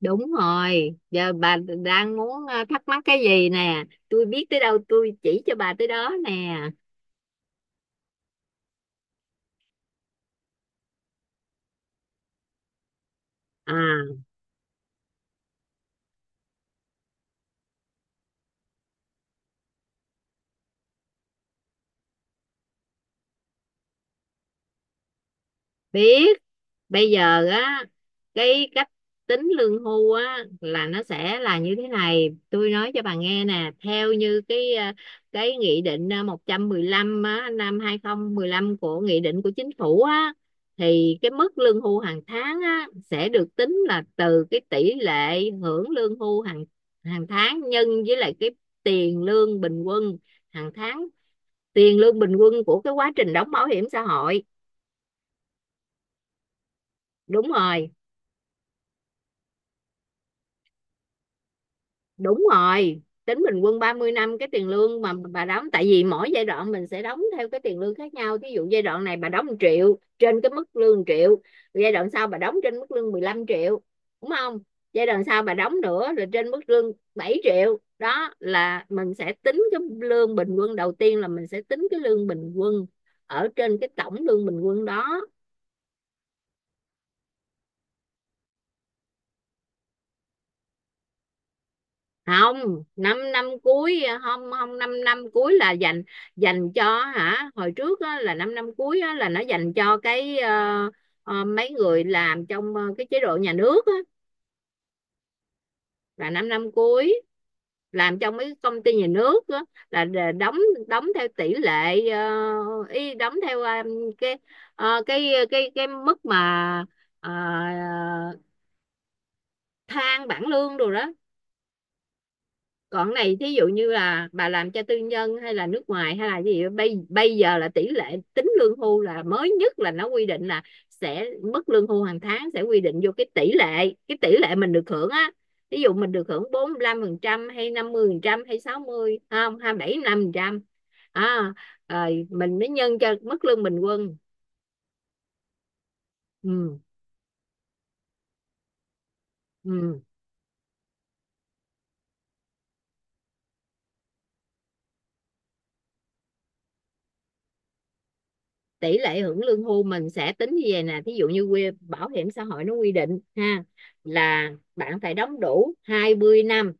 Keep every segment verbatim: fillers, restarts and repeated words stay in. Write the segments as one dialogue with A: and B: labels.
A: Đúng rồi, giờ bà đang muốn ờ, thắc mắc cái gì nè, tôi biết tới đâu tôi chỉ cho bà tới đó nè. À, biết. Bây giờ á, cái cách tính lương hưu á là nó sẽ là như thế này, tôi nói cho bà nghe nè. Theo như cái ờ, cái nghị định ờ, một trăm mười lăm á, năm hai không một lăm, của nghị định của chính phủ á, thì cái mức lương hưu hàng tháng á sẽ được tính là từ cái tỷ lệ hưởng lương hưu hàng hàng tháng nhân với lại cái tiền lương bình quân hàng tháng, tiền lương bình quân của cái quá trình đóng bảo hiểm xã hội. Đúng rồi, đúng rồi, tính bình quân ba mươi năm cái tiền lương mà bà đóng, tại vì mỗi giai đoạn mình sẽ đóng theo cái tiền lương khác nhau. Ví dụ giai đoạn này bà đóng một triệu, trên cái mức lương một triệu, giai đoạn sau bà đóng trên mức lương mười lăm triệu, đúng không, giai đoạn sau bà đóng nữa rồi trên mức lương bảy triệu, đó là mình sẽ tính cái lương bình quân. Đầu tiên là mình sẽ tính cái lương bình quân ở trên cái tổng lương bình quân đó. Không, năm năm cuối không, không, năm năm cuối là dành, dành cho hả, hồi trước á, là năm năm cuối á, là nó dành cho cái ờ, ờ, mấy người làm trong ờ, cái chế độ nhà nước á, là năm năm cuối, làm trong mấy công ty nhà nước á, là đ- đóng, đóng theo tỷ lệ, ờ, y đóng theo ờ, cái, ờ, cái cái cái mức mà ờ, thang bảng lương đồ đó. Còn này thí dụ như là bà làm cho tư nhân hay là nước ngoài hay là gì, bây bây giờ là tỷ lệ tính lương hưu là mới nhất là nó quy định là sẽ, mức lương hưu hàng tháng sẽ quy định vô cái tỷ lệ, cái tỷ lệ mình được hưởng á. Ví dụ mình được hưởng bốn mươi lăm phần trăm hay năm mươi phần trăm hay sáu mươi, không, hai mươi bảy năm phần trăm. À, rồi mình mới nhân cho mức lương bình quân. Ừ, ừ. Tỷ lệ hưởng lương hưu mình sẽ tính như vậy nè. Thí dụ như quy, bảo hiểm xã hội nó quy định ha, là bạn phải đóng đủ hai mươi năm.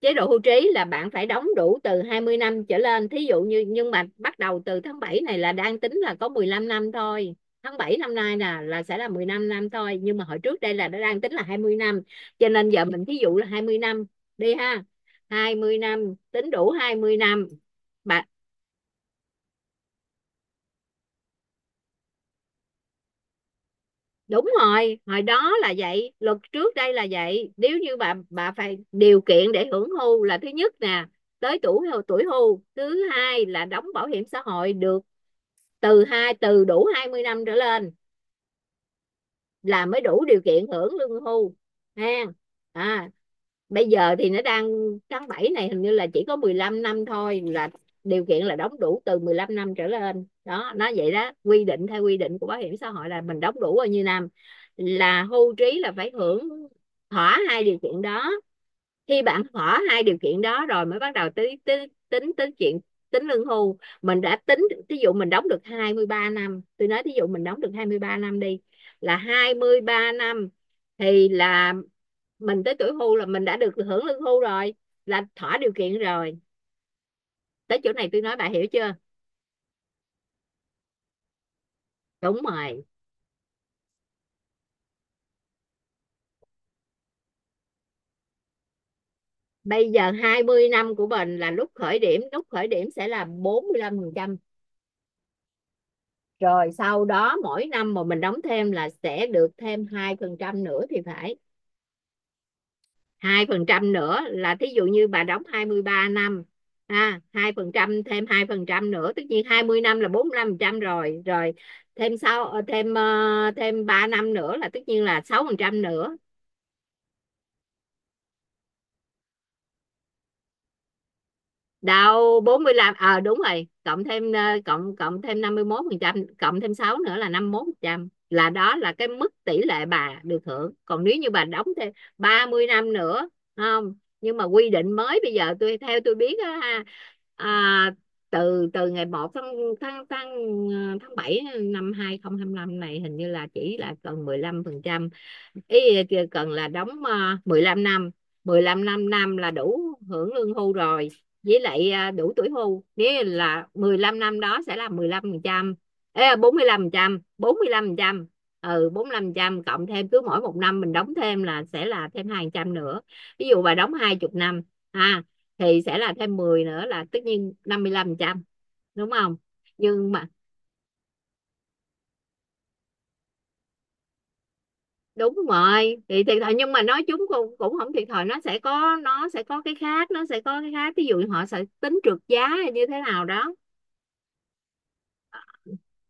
A: Chế độ hưu trí là bạn phải đóng đủ từ hai mươi năm trở lên. Thí dụ như nhưng mà bắt đầu từ tháng bảy này là đang tính là có mười lăm năm thôi. Tháng bảy năm nay là là sẽ là mười lăm năm thôi, nhưng mà hồi trước đây là đã đang tính là hai mươi năm, cho nên giờ mình thí dụ là hai mươi năm đi ha. Hai mươi năm, tính đủ hai mươi năm. Bạn đúng rồi, hồi đó là vậy, luật trước đây là vậy. Nếu như bà bà phải điều kiện để hưởng hưu là thứ nhất nè, tới tuổi tuổi hưu, thứ hai là đóng bảo hiểm xã hội được từ hai từ đủ hai mươi năm trở lên, là mới đủ điều kiện hưởng lương hưu ha. À, bây giờ thì nó đang, tháng bảy này hình như là chỉ có mười lăm năm thôi, là điều kiện là đóng đủ từ mười lăm năm trở lên đó, nó vậy đó, quy định theo quy định của bảo hiểm xã hội là mình đóng đủ bao nhiêu năm, là hưu trí là phải hưởng. Thỏa hai điều kiện đó, khi bạn hỏi hai điều kiện đó rồi mới bắt đầu tính tính tính tính chuyện tính lương hưu. Mình đã tính, ví dụ mình đóng được hai mươi ba năm, tôi nói ví dụ mình đóng được hai mươi ba năm đi, là hai mươi ba năm, thì là mình tới tuổi hưu là mình đã được hưởng lương hưu rồi, là thỏa điều kiện rồi. Tới chỗ này tôi nói bà hiểu chưa. Đúng rồi, bây giờ hai mươi năm của mình là lúc khởi điểm, lúc khởi điểm sẽ là bốn mươi lăm phần trăm. Rồi sau đó mỗi năm mà mình đóng thêm là sẽ được thêm hai phần trăm nữa thì phải. Hai phần trăm nữa, là thí dụ như bà đóng hai mươi ba năm ha, hai phần trăm, thêm hai phần trăm nữa, tất nhiên hai mươi năm là bốn mươi lăm phần trăm rồi rồi, thêm sau ờ, thêm ờ, thêm ba năm nữa là tất nhiên là sáu phần trăm nữa. Đâu bốn mươi lăm, ờ đúng rồi, cộng thêm ờ, cộng cộng thêm năm mươi mốt phần trăm, cộng thêm sáu nữa là năm mươi mốt phần trăm, là đó là cái mức tỷ lệ bà được hưởng. Còn nếu như bà đóng thêm ba mươi năm nữa, không, nhưng mà quy định mới bây giờ tôi theo tôi biết á ha. À, từ từ ngày một tháng, tháng tháng ờ, tháng bảy năm hai không hai lăm này, hình như là chỉ là còn mười lăm phần trăm. Ý kìa, cần là đóng uh, mười lăm năm. Mười lăm năm năm là đủ hưởng lương hưu rồi, với lại à, đủ tuổi hưu. Nếu là mười lăm năm đó sẽ là mười lăm phần trăm. Ê, bốn mươi lăm phần trăm bốn mươi lăm phần trăm, ừ bốn mươi lăm phần trăm, cộng thêm cứ mỗi một năm mình đóng thêm là sẽ là thêm hai phần trăm nữa. Ví dụ bà đóng hai mươi năm ha, thì sẽ là thêm mười nữa là tất nhiên năm mươi lăm phần trăm, đúng không. Nhưng mà đúng rồi thì thiệt thòi, nhưng mà nói chúng cũng cũng không thiệt thòi, nó sẽ có, nó sẽ có cái khác nó sẽ có cái khác, ví dụ như họ sẽ tính trượt giá hay như thế nào đó.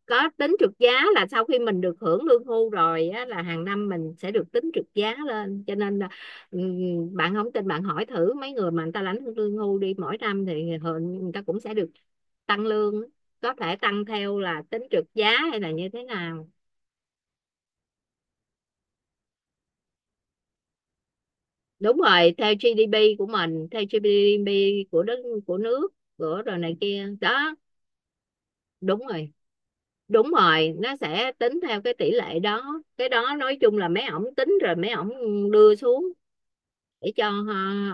A: Có tính trượt giá là sau khi mình được hưởng lương hưu rồi á, là hàng năm mình sẽ được tính trượt giá lên, cho nên là ừm, bạn không tin bạn hỏi thử mấy người mà người ta lãnh lương hưu đi, mỗi năm thì họ- người ta cũng sẽ được tăng lương, có thể tăng theo là tính trượt giá hay là như thế nào. Đúng rồi, theo giê đê pê của mình, theo giê đê pê của đất, của nước, của rồi này kia đó. Đúng rồi, đúng rồi, nó sẽ tính theo cái tỷ lệ đó. Cái đó nói chung là mấy ổng tính rồi mấy ổng đưa xuống để cho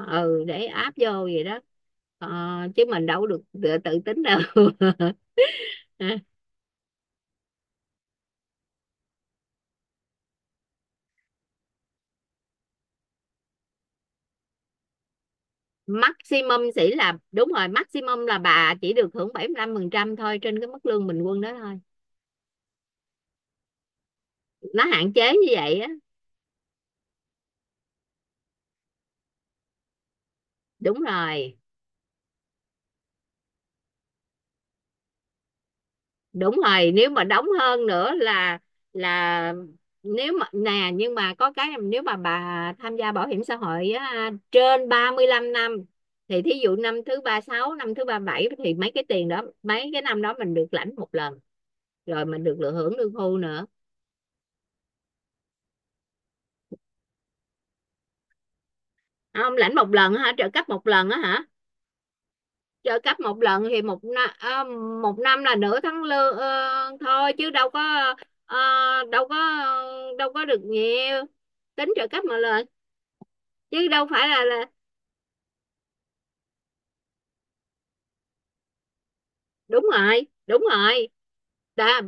A: ờ, ừ để áp vô vậy đó. Ờ, chứ mình đâu có được tự, tự tính đâu maximum sẽ là, đúng rồi, maximum là bà chỉ được hưởng bảy mươi lăm phần trăm thôi, trên cái mức lương bình quân đó thôi, nó hạn chế như vậy á. Đúng rồi, đúng rồi nếu mà đóng hơn nữa là là nếu mà nè, nhưng mà có cái, nếu mà bà tham gia bảo hiểm xã hội á, trên ba mươi lăm năm, thì thí dụ năm thứ ba sáu, năm thứ ba bảy, thì mấy cái tiền đó, mấy cái năm đó mình được lãnh một lần, rồi mình được lựa hưởng lương hưu nữa. Không, lãnh một lần hả, trợ cấp một lần á hả. Trợ cấp một lần thì một năm, một năm là nửa tháng lương ờ, thôi, chứ đâu có ờ, đâu có đâu có được nhiều. Tính trợ cấp mà lời, chứ đâu phải là là. Đúng rồi, đúng rồi, đó,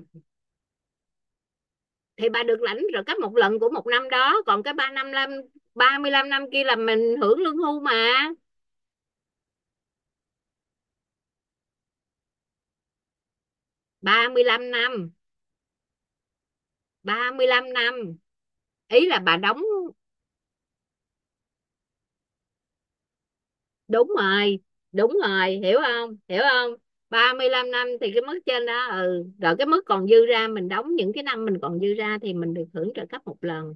A: thì bà được lãnh trợ cấp một lần của một năm đó, còn cái ba năm năm ba mươi lăm năm kia là mình hưởng lương hưu mà. ba mươi lăm năm Ba mươi lăm năm, ý là bà đóng. Đúng rồi, đúng rồi, hiểu không, hiểu không. Ba mươi lăm năm thì cái mức trên đó, ừ, rồi cái mức còn dư ra, mình đóng những cái năm mình còn dư ra thì mình được hưởng trợ cấp một lần.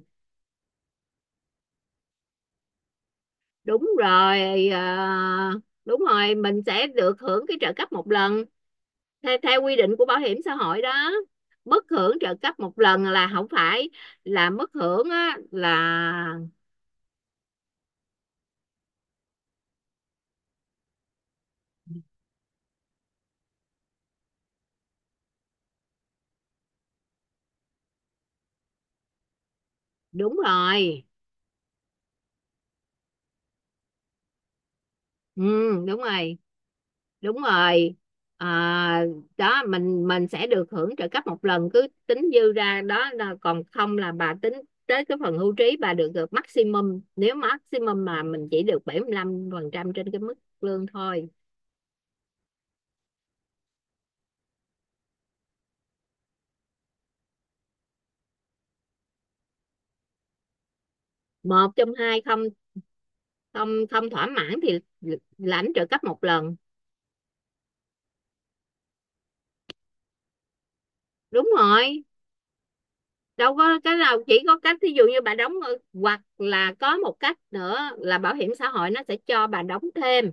A: Đúng rồi, ờ, đúng rồi, mình sẽ được hưởng cái trợ cấp một lần theo, theo quy định của bảo hiểm xã hội đó. Mức hưởng trợ cấp một lần là không phải là mức hưởng á, là đúng rồi. Ừ, đúng rồi, đúng rồi. À, đó, mình mình sẽ được hưởng trợ cấp một lần cứ tính dư ra đó, là còn không là bà tính tới cái phần hưu trí bà được được maximum, nếu maximum mà mình chỉ được bảy mươi lăm phần trăm trên cái mức lương thôi. Một trong hai không, không, không thỏa mãn thì lãnh trợ cấp một lần. Đúng rồi, đâu có cái nào, chỉ có cách thí dụ như bà đóng, hoặc là có một cách nữa là bảo hiểm xã hội nó sẽ cho bà đóng thêm,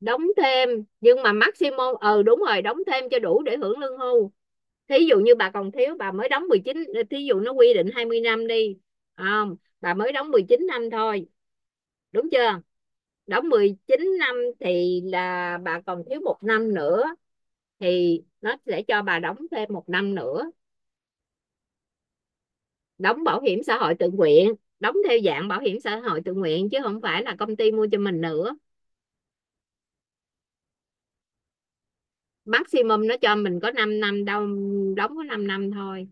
A: đóng thêm, nhưng mà maximum, ừ đúng rồi đóng thêm cho đủ để hưởng lương hưu. Thí dụ như bà còn thiếu, bà mới đóng mười chín, thí dụ nó quy định hai mươi năm đi, không, bà mới đóng mười chín năm thôi, đúng chưa, đóng mười chín năm thì là bà còn thiếu một năm nữa, thì nó sẽ cho bà đóng thêm một năm nữa, đóng bảo hiểm xã hội tự nguyện, đóng theo dạng bảo hiểm xã hội tự nguyện chứ không phải là công ty mua cho mình nữa. Maximum nó cho mình có năm năm đâu, đóng có năm năm thôi.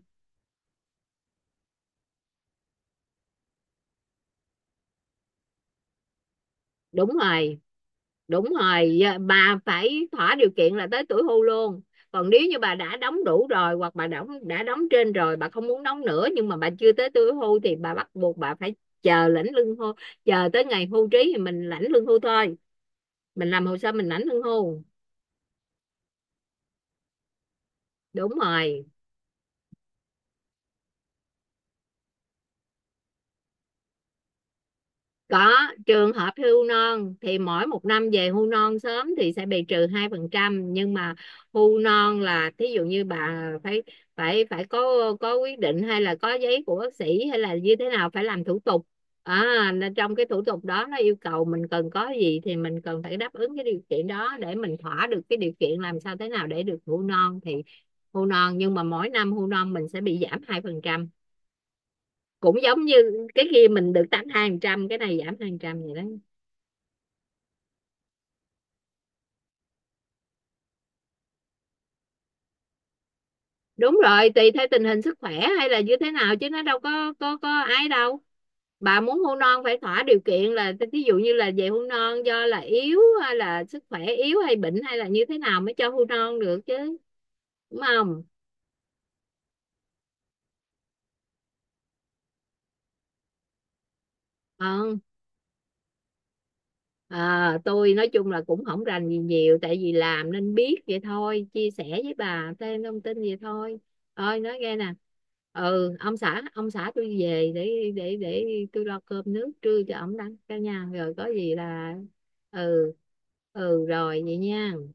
A: Đúng rồi, đúng rồi, bà phải thỏa điều kiện là tới tuổi hưu luôn, còn nếu như bà đã đóng đủ rồi, hoặc bà đóng đã đóng trên rồi, bà không muốn đóng nữa, nhưng mà bà chưa tới tuổi hưu, thì bà bắt buộc bà phải chờ lãnh lương hưu, chờ tới ngày hưu trí thì mình lãnh lương hưu thôi, mình làm hồ sơ mình lãnh lương hưu. Đúng rồi. Có, trường hợp hưu non thì mỗi một năm về hưu non sớm thì sẽ bị trừ hai phần trăm, nhưng mà hưu non là thí dụ như bà phải phải phải có có quyết định hay là có giấy của bác sĩ hay là như thế nào, phải làm thủ tục. À, nên trong cái thủ tục đó nó yêu cầu mình cần có gì thì mình cần phải đáp ứng cái điều kiện đó để mình thỏa được cái điều kiện, làm sao thế nào để được hưu non, thì hưu non nhưng mà mỗi năm hưu non mình sẽ bị giảm hai phần trăm, cũng giống như cái kia mình được tám hai phần trăm, cái này giảm hai phần trăm vậy đó. Đúng rồi, tùy theo tình hình sức khỏe hay là như thế nào, chứ nó đâu có có có ai đâu. Bà muốn hôn non phải thỏa điều kiện là ví dụ như là về hôn non do là yếu hay là sức khỏe yếu hay bệnh hay là như thế nào mới cho hôn non được chứ, đúng không. Ờ. À, tôi nói chung là cũng không rành gì nhiều, tại vì làm nên biết vậy thôi, chia sẻ với bà thêm thông tin vậy thôi. Ơi nói nghe nè, ừ ông xã, ông xã tôi về để để để tôi lo cơm nước trưa cho ổng đó, cả nhà rồi có gì là. Ừ, ừ rồi vậy nha.